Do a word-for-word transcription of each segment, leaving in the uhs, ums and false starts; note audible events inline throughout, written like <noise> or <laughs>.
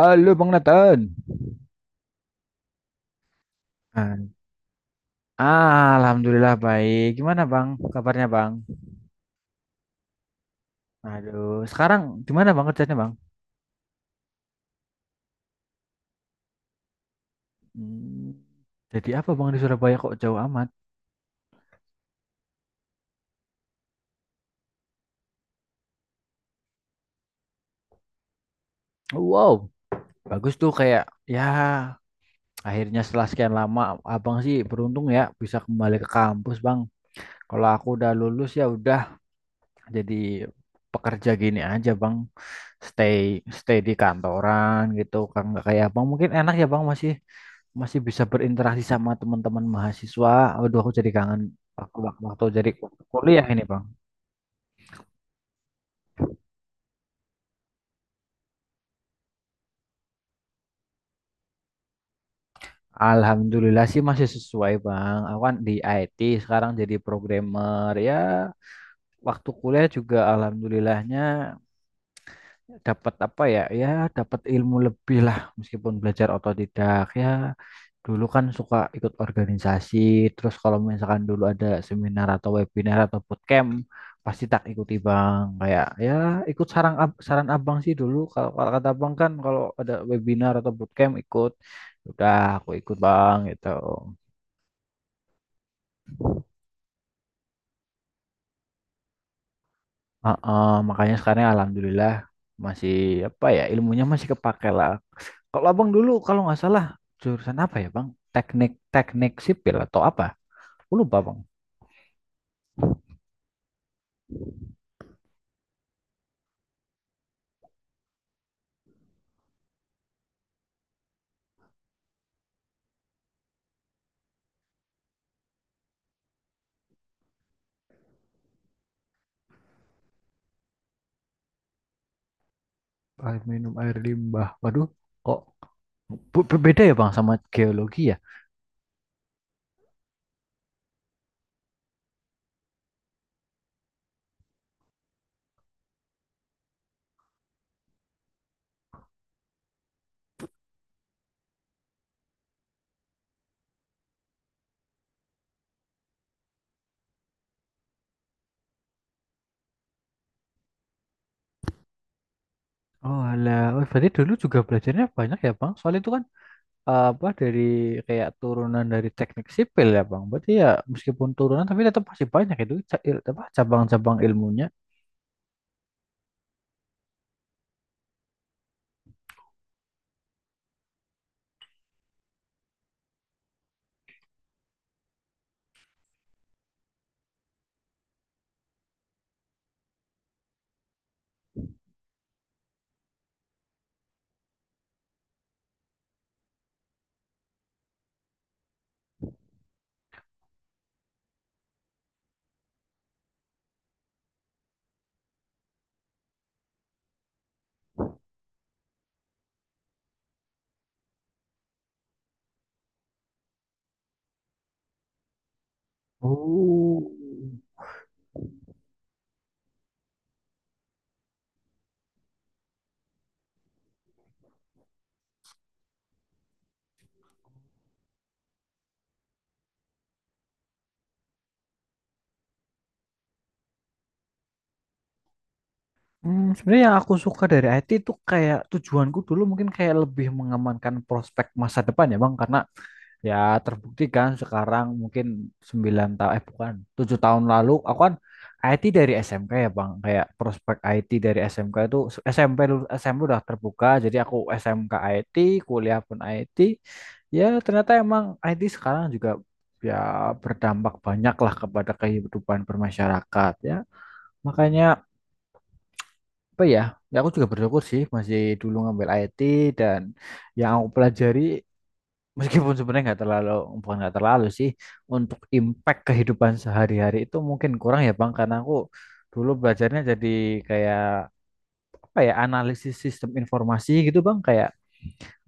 Halo Bang Nathan. Ah, Alhamdulillah baik. Gimana Bang? Kabarnya Bang? Aduh, sekarang gimana Bang kerjanya Bang? Hmm, jadi apa Bang di Surabaya kok jauh amat? Wow, bagus tuh kayak ya, akhirnya setelah sekian lama Abang sih beruntung ya bisa kembali ke kampus Bang. Kalau aku udah lulus ya udah jadi pekerja gini aja Bang. Stay stay di kantoran gitu kan nggak kayak Abang, mungkin enak ya Bang masih masih bisa berinteraksi sama teman-teman mahasiswa. Aduh, aku jadi kangen waktu waktu, jadi kuliah ini, Bang. Alhamdulillah sih masih sesuai, Bang. Aku kan di I T sekarang, jadi programmer ya. Waktu kuliah juga alhamdulillahnya dapat apa ya ya dapat ilmu lebih lah, meskipun belajar otodidak ya. Dulu kan suka ikut organisasi, terus kalau misalkan dulu ada seminar atau webinar atau bootcamp pasti tak ikuti Bang. Kayak ya, ikut saran ab- saran abang sih dulu. Kalau kalau kata abang kan kalau ada webinar atau bootcamp ikut, udah aku ikut Bang, gitu. Heeh, makanya sekarang alhamdulillah masih, apa ya, ilmunya masih kepake lah. Kalau abang dulu kalau nggak salah jurusan apa ya Bang? Teknik teknik sipil atau apa? Aku lupa Bang. Air minum, air limbah. Waduh, kok be- berbeda ya Bang sama geologi ya? Oh alah, oh, berarti dulu juga belajarnya banyak ya Bang? Soal itu kan, eh, apa, dari kayak turunan dari teknik sipil ya Bang? Berarti ya meskipun turunan tapi tetap masih banyak itu ca- il- apa cabang-cabang ilmunya. Oh. Hmm, sebenarnya yang aku suka dari I T itu kayak tujuanku dulu, mungkin kayak lebih mengamankan prospek masa depan ya Bang, karena ya terbukti kan sekarang mungkin sembilan tahun, eh, bukan tujuh tahun lalu, aku kan I T dari S M K ya Bang. Kayak prospek IT dari S M K itu S M P, lulus S M P udah terbuka, jadi aku S M K IT, kuliah pun IT. Ya ternyata emang I T sekarang juga ya berdampak banyak lah kepada kehidupan bermasyarakat ya, makanya, apa ya ya aku juga bersyukur sih masih dulu ngambil I T. Dan yang aku pelajari, <laughs> meskipun sebenarnya nggak terlalu, bukan nggak terlalu sih, untuk impact kehidupan sehari-hari itu mungkin kurang ya Bang, karena aku dulu belajarnya jadi kayak, apa ya, analisis sistem informasi gitu Bang. Kayak,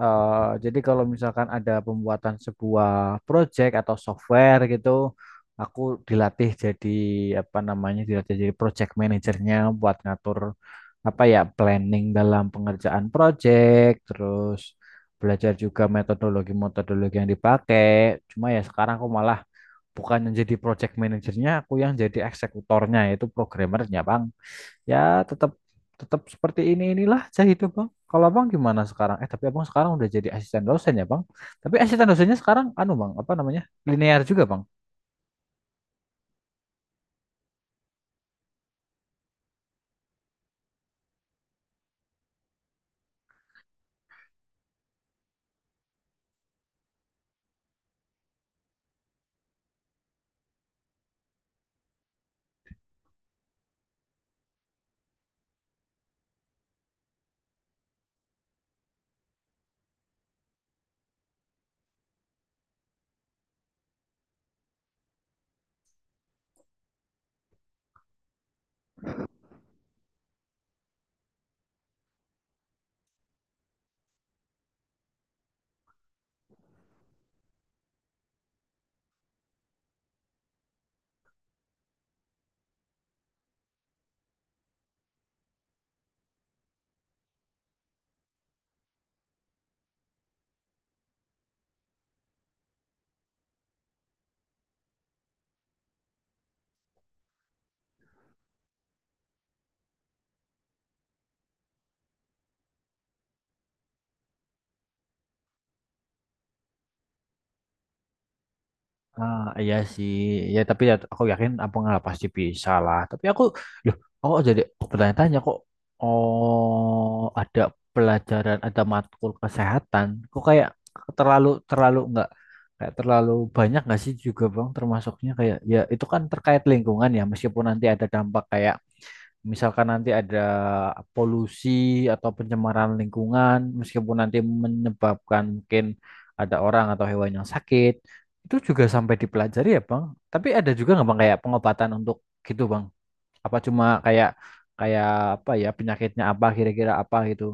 Eh, jadi kalau misalkan ada pembuatan sebuah project atau software gitu, aku dilatih jadi apa namanya dilatih jadi project manajernya buat ngatur, apa ya, planning dalam pengerjaan project, terus belajar juga metodologi-metodologi yang dipakai. Cuma ya sekarang aku malah bukan yang jadi project manajernya, aku yang jadi eksekutornya, yaitu programmernya, Bang. Ya, tetap tetap seperti ini, inilah saya hidup, Bang. Kalau Abang gimana sekarang? Eh, tapi Abang sekarang udah jadi asisten dosen ya, Bang. Tapi asisten dosennya sekarang anu, Bang, apa namanya? Linear juga, Bang. Ah, iya sih. Ya, tapi ya, aku yakin Abang lah pasti bisa lah. Tapi aku, loh, aku jadi bertanya-tanya, kok, oh, ada pelajaran, ada matkul kesehatan. Kok kayak terlalu terlalu enggak, kayak terlalu banyak nggak sih juga Bang termasuknya, kayak ya itu kan terkait lingkungan ya, meskipun nanti ada dampak kayak, misalkan nanti ada polusi atau pencemaran lingkungan, meskipun nanti menyebabkan mungkin ada orang atau hewan yang sakit, itu juga sampai dipelajari ya, Bang. Tapi ada juga nggak, Bang, kayak pengobatan untuk gitu, Bang? Apa cuma kayak, kayak, apa ya, penyakitnya apa, kira-kira apa gitu?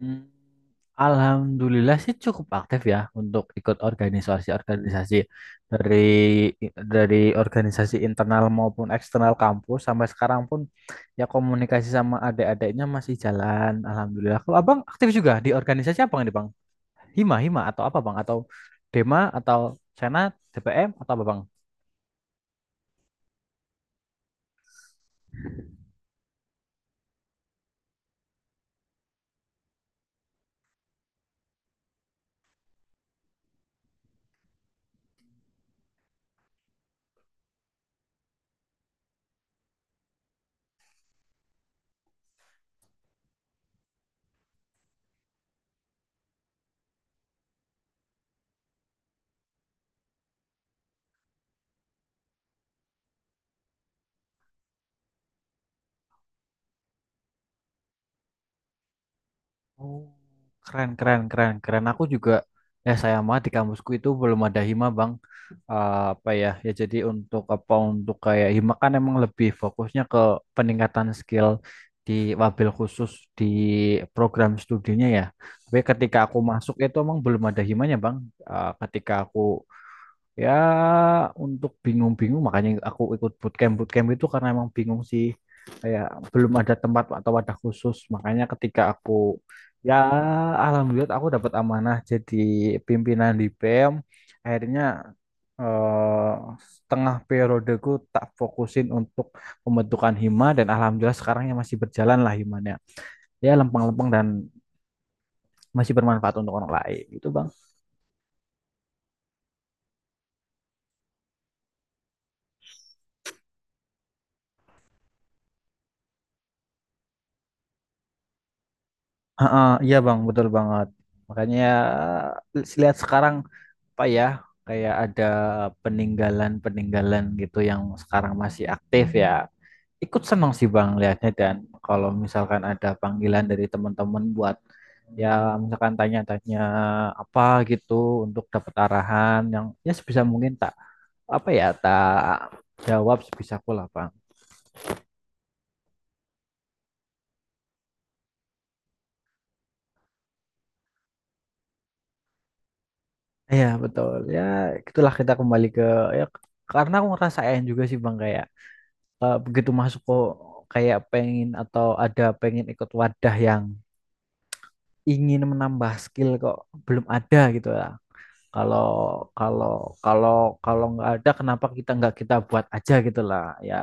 Hmm, Alhamdulillah sih cukup aktif ya untuk ikut organisasi-organisasi, dari dari organisasi internal maupun eksternal kampus, sampai sekarang pun ya komunikasi sama adik-adiknya masih jalan. Alhamdulillah. Kalau Abang aktif juga di organisasi apa nih Bang? Hima, Hima atau apa Bang? Atau Dema, atau Senat, D P M, atau apa Bang? Oh, keren keren keren keren. Aku juga, ya sayang banget di kampusku itu belum ada hima Bang. Eh, apa ya, ya jadi untuk apa, untuk kayak hima kan emang lebih fokusnya ke peningkatan skill di wabil khusus di program studinya ya. Tapi ketika aku masuk itu emang belum ada himanya Bang. Eh, ketika aku Ya, untuk bingung-bingung makanya aku ikut bootcamp. Bootcamp itu karena emang bingung sih. Kayak belum ada tempat atau wadah khusus. Makanya ketika aku ya alhamdulillah aku dapat amanah jadi pimpinan di P M. Akhirnya, eh, setengah periodeku tak fokusin untuk pembentukan hima, dan alhamdulillah sekarang ya masih berjalan lah himanya. Ya lempeng-lempeng dan masih bermanfaat untuk orang lain. Itu Bang. Heeh, iya Bang, betul banget. Makanya ya, lihat sekarang, apa ya, kayak ada peninggalan-peninggalan gitu yang sekarang masih aktif ya, ikut senang sih Bang lihatnya. Dan kalau misalkan ada panggilan dari teman-teman buat, ya, misalkan tanya-tanya apa gitu untuk dapat arahan yang, ya sebisa mungkin tak, apa ya tak jawab sebisaku lah Bang. Iya betul ya, itulah, kita kembali ke, ya karena aku ngerasain juga sih Bang kayak, eh, begitu masuk kok kayak pengen, atau ada pengen ikut wadah yang ingin menambah skill, kok belum ada gitu ya. Kalau kalau kalau kalau nggak ada, kenapa kita nggak kita buat aja gitu lah, ya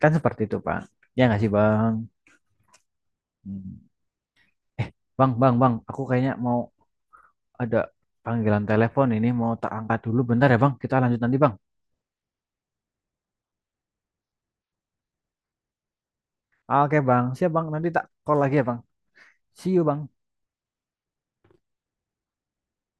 kan, seperti itu Bang. Ya nggak sih Bang? Hmm. Eh Bang Bang Bang, aku kayaknya mau ada panggilan telepon ini, mau tak angkat dulu bentar ya Bang. Kita lanjut nanti Bang. Oke Bang, siap Bang. Nanti tak call lagi ya Bang. See you Bang.